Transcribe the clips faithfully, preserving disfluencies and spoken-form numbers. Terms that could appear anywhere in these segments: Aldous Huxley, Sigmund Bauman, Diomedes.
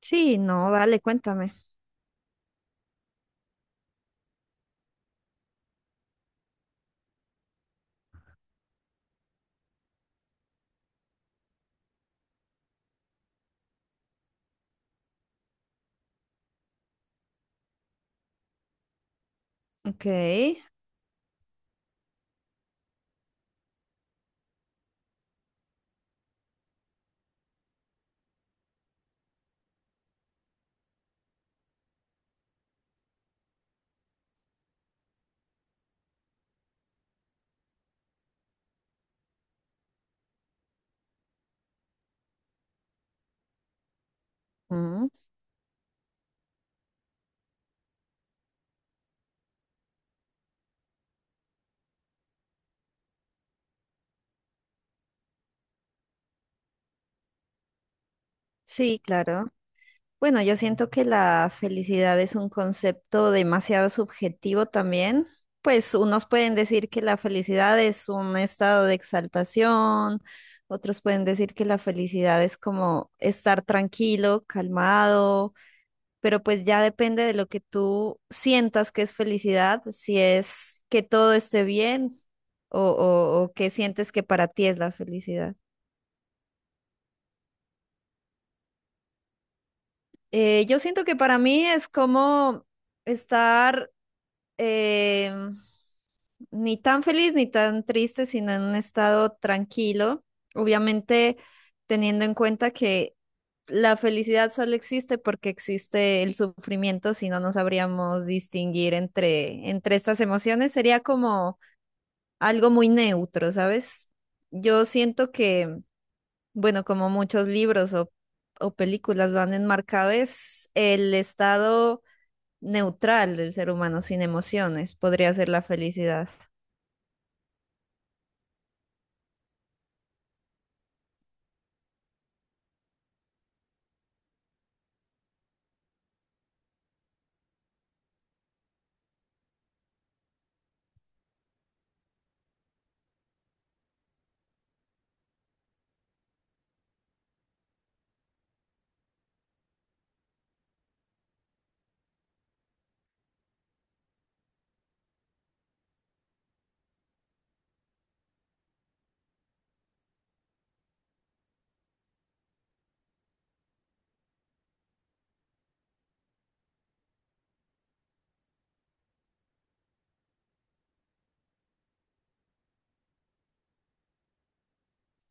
Sí, no, dale, cuéntame. Ok. Mm. Sí, claro. Bueno, yo siento que la felicidad es un concepto demasiado subjetivo también. Pues unos pueden decir que la felicidad es un estado de exaltación, otros pueden decir que la felicidad es como estar tranquilo, calmado, pero pues ya depende de lo que tú sientas que es felicidad, si es que todo esté bien o, o o que sientes que para ti es la felicidad. Eh, yo siento que para mí es como estar eh, ni tan feliz ni tan triste, sino en un estado tranquilo. Obviamente teniendo en cuenta que la felicidad solo existe porque existe el sufrimiento, si no, no sabríamos distinguir entre, entre estas emociones. Sería como algo muy neutro, ¿sabes? Yo siento que bueno, como muchos libros o, o películas lo han enmarcado, es el estado neutral del ser humano, sin emociones, podría ser la felicidad.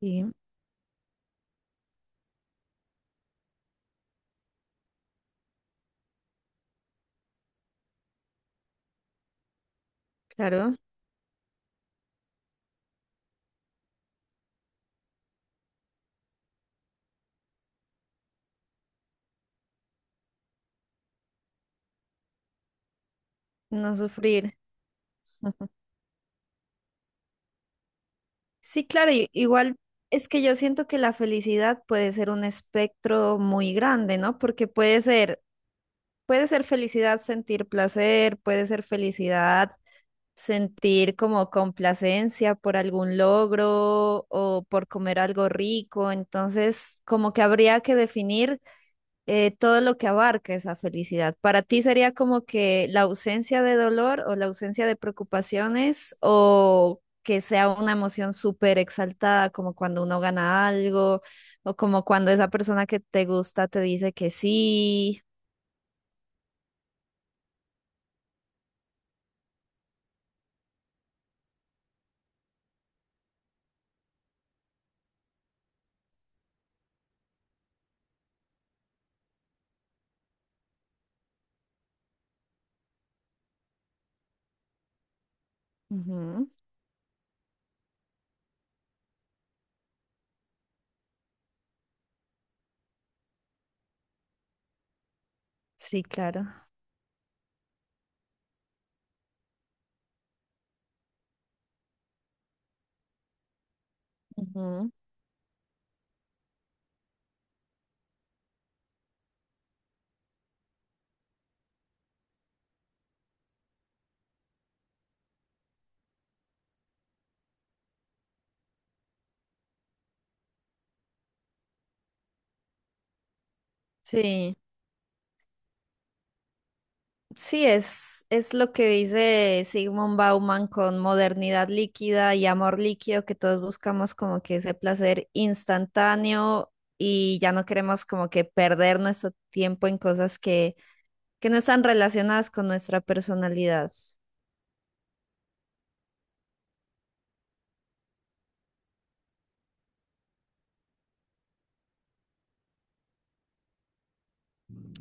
Sí, claro, no sufrir. Ujú. Sí, claro, y- igual es que yo siento que la felicidad puede ser un espectro muy grande, ¿no? Porque puede ser, puede ser felicidad sentir placer, puede ser felicidad sentir como complacencia por algún logro o por comer algo rico. Entonces, como que habría que definir eh, todo lo que abarca esa felicidad. Para ti sería como que la ausencia de dolor o la ausencia de preocupaciones o que sea una emoción súper exaltada, como cuando uno gana algo o como cuando esa persona que te gusta te dice que sí. Ujú. Sí, claro. Ujú. Sí. Sí, es, es lo que dice Sigmund Bauman con modernidad líquida y amor líquido, que todos buscamos como que ese placer instantáneo y ya no queremos como que perder nuestro tiempo en cosas que, que no están relacionadas con nuestra personalidad.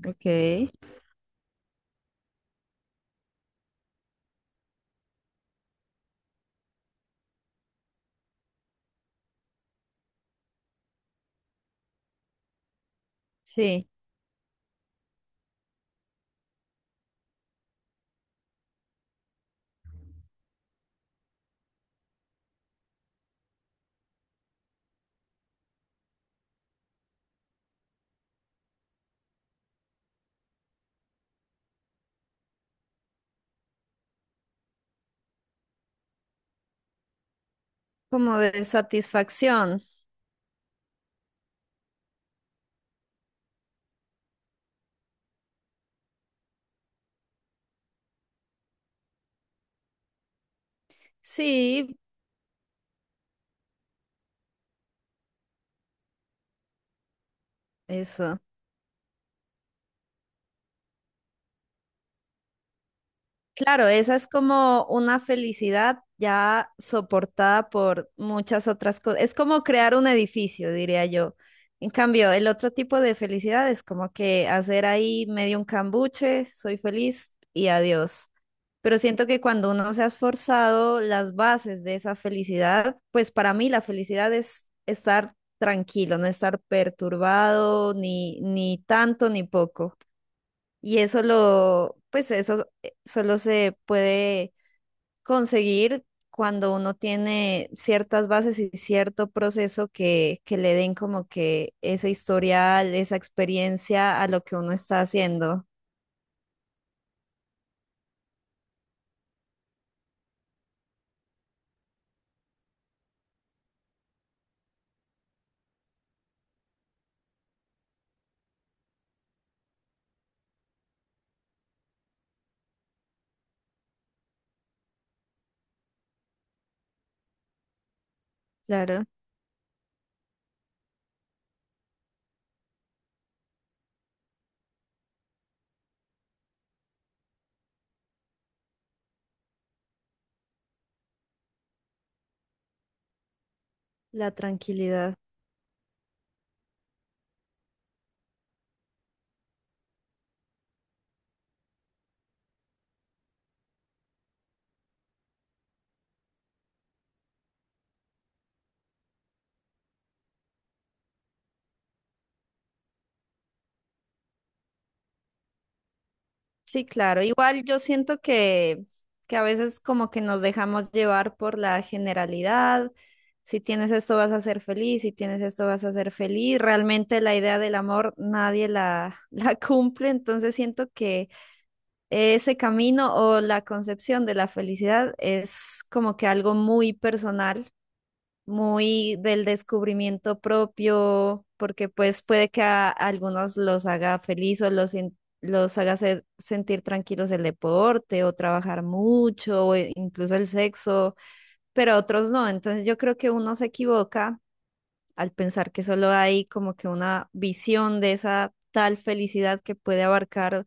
Ok, sí, como de satisfacción. Sí, eso. Claro, esa es como una felicidad ya soportada por muchas otras cosas. Es como crear un edificio, diría yo. En cambio, el otro tipo de felicidad es como que hacer ahí medio un cambuche, soy feliz y adiós. Pero siento que cuando uno se ha esforzado las bases de esa felicidad, pues para mí la felicidad es estar tranquilo, no estar perturbado ni, ni tanto ni poco. Y eso lo, pues eso eh, solo se puede conseguir cuando uno tiene ciertas bases y cierto proceso que, que le den como que ese historial, esa experiencia a lo que uno está haciendo. Claro, la tranquilidad. Sí, claro. Igual yo siento que, que a veces como que nos dejamos llevar por la generalidad. Si tienes esto vas a ser feliz, si tienes esto vas a ser feliz. Realmente la idea del amor nadie la, la cumple, entonces siento que ese camino o la concepción de la felicidad es como que algo muy personal muy del descubrimiento propio, porque pues puede que a algunos los haga feliz o los, en- los haga se- sentir tranquilos el deporte o trabajar mucho o e- incluso el sexo, pero a otros no. Entonces yo creo que uno se equivoca al pensar que solo hay como que una visión de esa tal felicidad que puede abarcar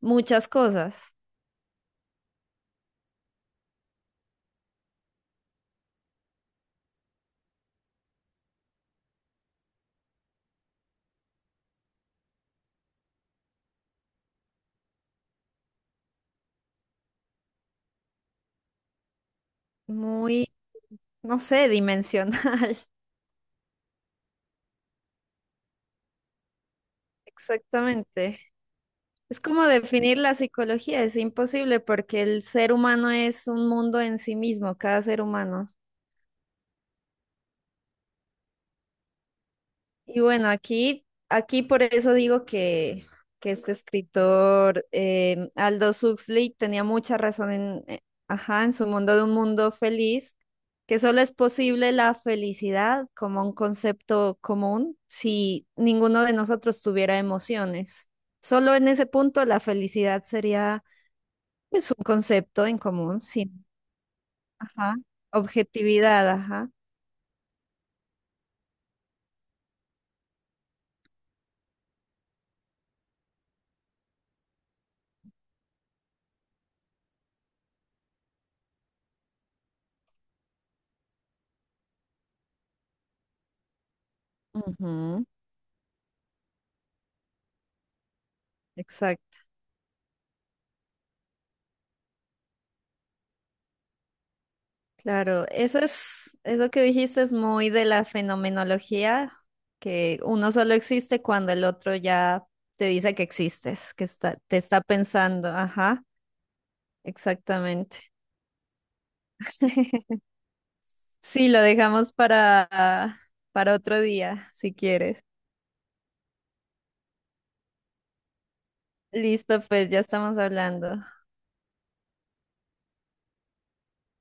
muchas cosas, muy, no sé, dimensional. Exactamente. Es como definir la psicología, es imposible porque el ser humano es un mundo en sí mismo, cada ser humano. Y bueno, aquí, aquí por eso digo que, que este escritor eh, Aldous Huxley tenía mucha razón en, eh, ajá, en su mundo de un mundo feliz, que solo es posible la felicidad como un concepto común si ninguno de nosotros tuviera emociones. Solo en ese punto la felicidad sería pues, un concepto en común, si Ajá. Objetividad, ajá. Ujú. Exacto. Claro, eso es, eso que dijiste es muy de la fenomenología, que uno solo existe cuando el otro ya te dice que existes, que está, te está pensando. Ajá, exactamente. Sí, lo dejamos para, para otro día, si quieres. Listo, pues ya estamos hablando.